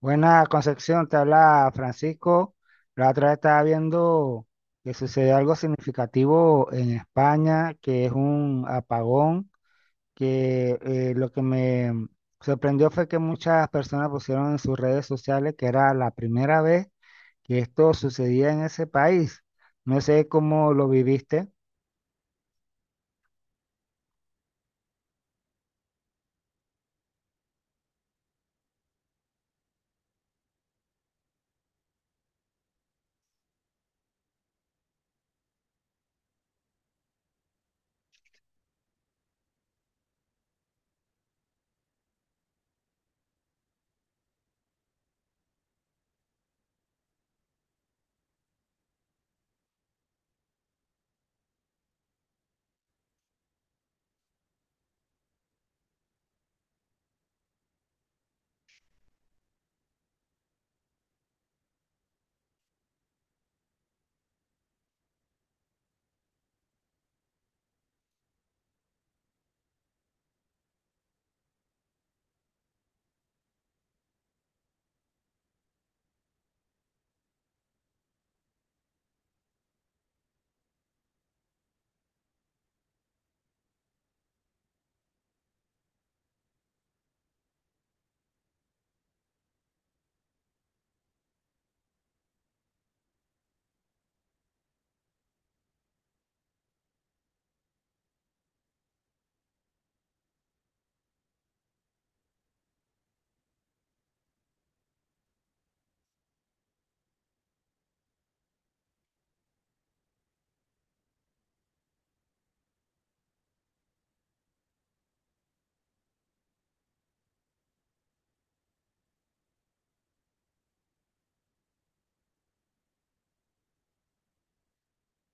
Buena Concepción, te habla Francisco. La otra vez estaba viendo que sucedió algo significativo en España, que es un apagón, que lo que me sorprendió fue que muchas personas pusieron en sus redes sociales que era la primera vez que esto sucedía en ese país. No sé cómo lo viviste.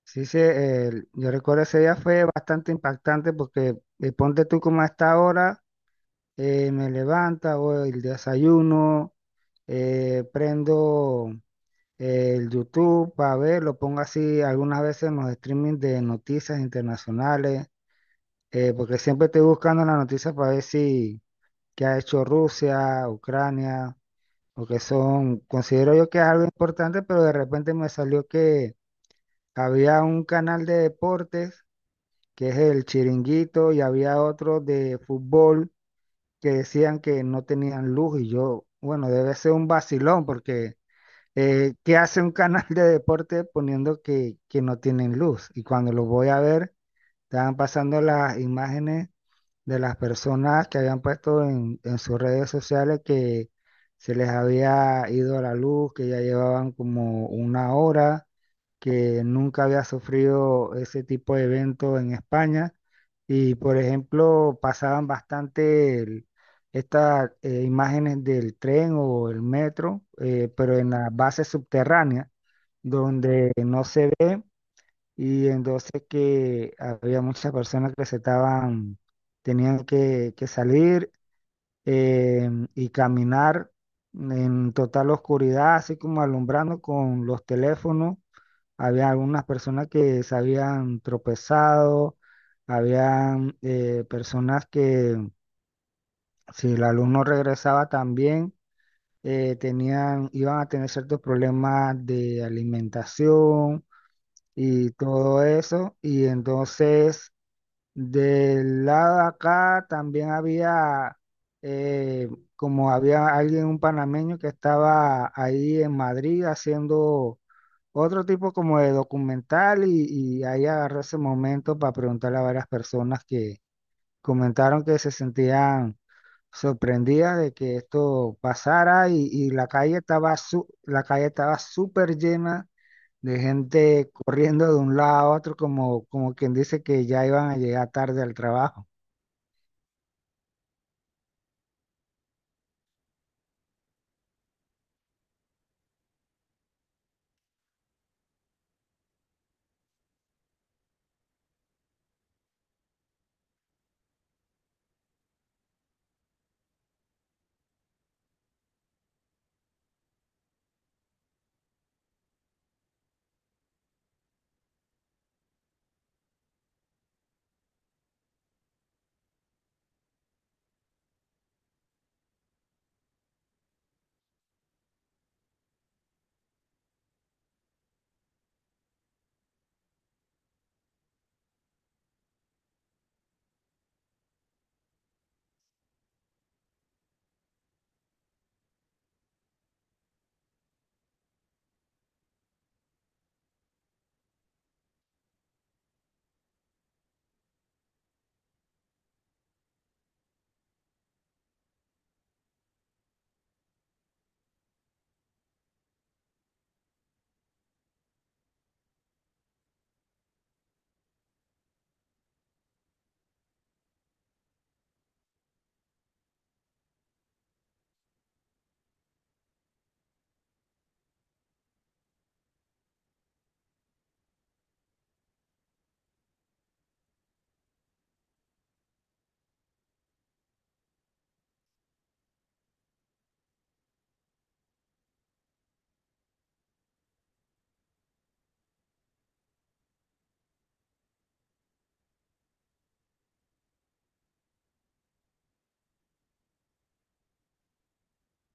Sí, sí, yo recuerdo ese día fue bastante impactante porque ponte tú como a esta hora. Me levanto, hago el desayuno, prendo el YouTube para ver, lo pongo así algunas veces en los streaming de noticias internacionales, porque siempre estoy buscando las noticias para ver si qué ha hecho Rusia, Ucrania, o que son, considero yo que es algo importante, pero de repente me salió que había un canal de deportes, que es el Chiringuito, y había otro de fútbol que decían que no tenían luz y yo, bueno, debe ser un vacilón porque ¿qué hace un canal de deporte poniendo que no tienen luz? Y cuando lo voy a ver, estaban pasando las imágenes de las personas que habían puesto en sus redes sociales que se les había ido la luz, que ya llevaban como una hora, que nunca había sufrido ese tipo de evento en España. Y por ejemplo, estas imágenes del tren o el metro, pero en la base subterránea, y entonces que había muchas personas que se estaban, tenían que salir eh, y caminar en total oscuridad, así como alumbrando con los teléfonos. Había algunas personas que se habían tropezado, habían personas que si el alumno regresaba también, tenían, iban a tener ciertos problemas de alimentación y todo eso. Y entonces... Del lado de acá también había, eh, como había alguien, un panameño que estaba ahí en Madrid haciendo otro tipo como de documental y ahí agarré ese momento para preguntarle a varias personas que comentaron que se sentían sorprendida de que esto pasara y la calle estaba la calle estaba súper llena de gente corriendo de un lado a otro como, como quien dice que ya iban a llegar tarde al trabajo.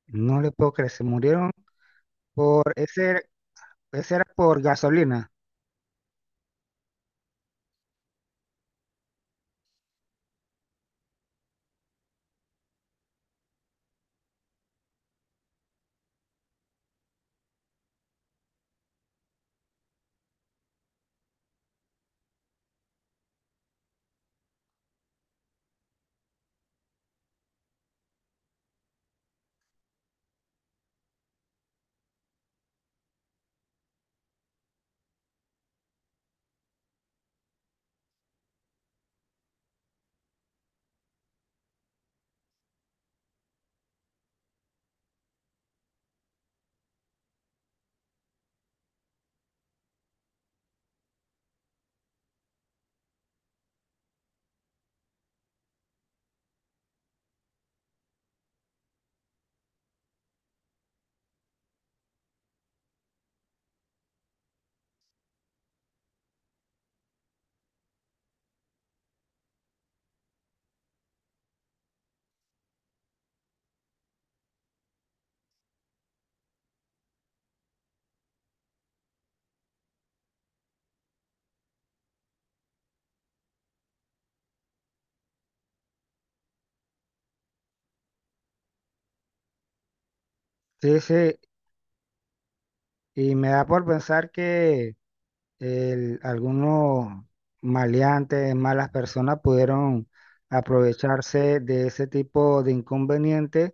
No le puedo creer, se murieron por ese, ese era por gasolina. Sí, sí, y me da por pensar que algunos maleantes, malas personas pudieron aprovecharse de ese tipo de inconvenientes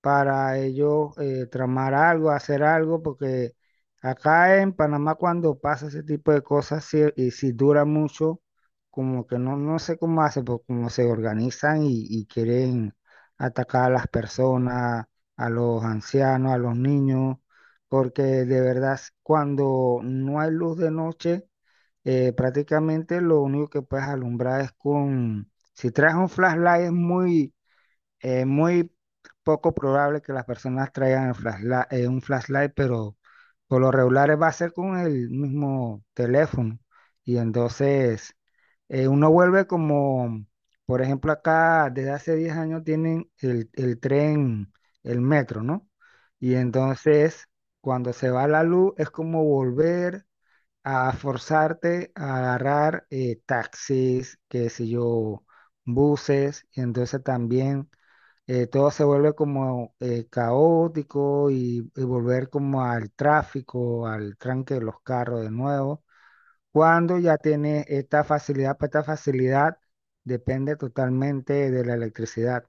para ellos tramar algo, hacer algo, porque acá en Panamá cuando pasa ese tipo de cosas y si dura mucho, como que no, no sé cómo hacen, pues como se organizan y quieren atacar a las personas, a los ancianos, a los niños, porque de verdad cuando no hay luz de noche, prácticamente lo único que puedes alumbrar es con, si traes un flashlight es muy poco probable que las personas traigan un flashlight, pero por lo regular va a ser con el mismo teléfono. Y entonces uno vuelve como, por ejemplo, acá desde hace 10 años tienen el tren, el metro, ¿no? Y entonces cuando se va la luz es como volver a forzarte a agarrar taxis, qué sé yo, buses, y entonces también todo se vuelve como caótico y volver como al tráfico, al tranque de los carros de nuevo. Cuando ya tiene esta facilidad, pues esta facilidad depende totalmente de la electricidad.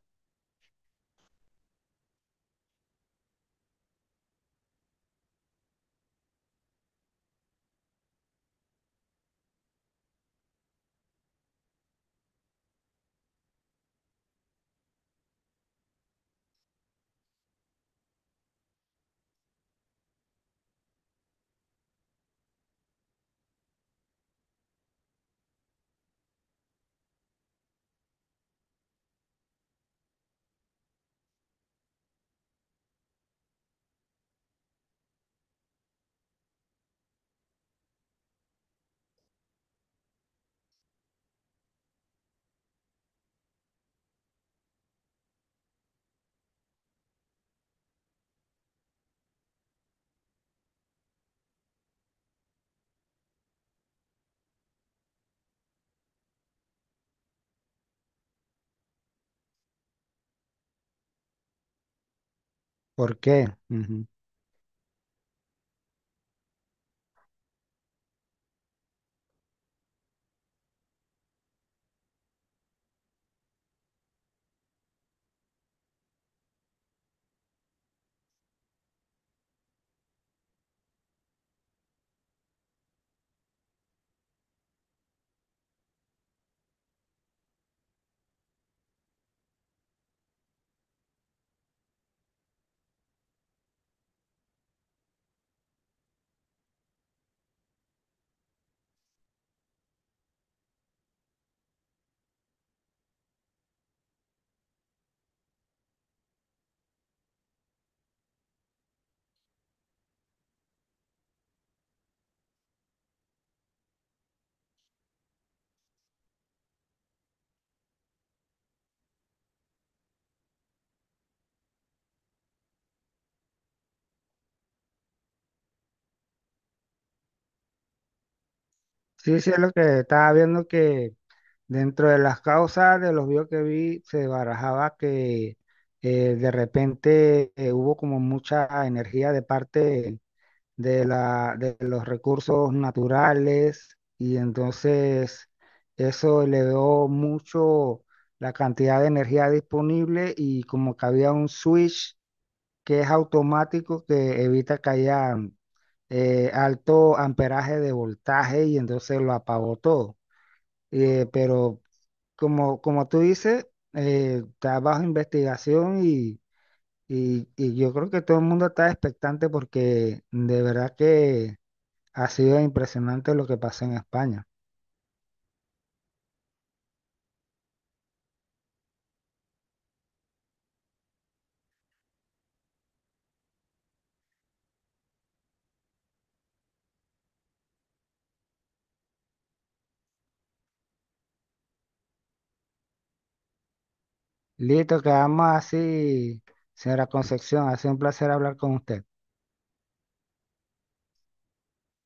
¿Por qué? Ujú. Sí, sí, es lo que estaba viendo que dentro de las causas de los videos que vi se barajaba que de repente hubo como mucha energía de parte de de los recursos naturales y entonces eso elevó mucho la cantidad de energía disponible y como que había un switch que es automático que evita que haya alto amperaje de voltaje y entonces lo apagó todo. Pero como, como tú dices, está bajo investigación y yo creo que todo el mundo está expectante porque de verdad que ha sido impresionante lo que pasó en España. Listo, quedamos así, señora Concepción. Ha sido un placer hablar con usted.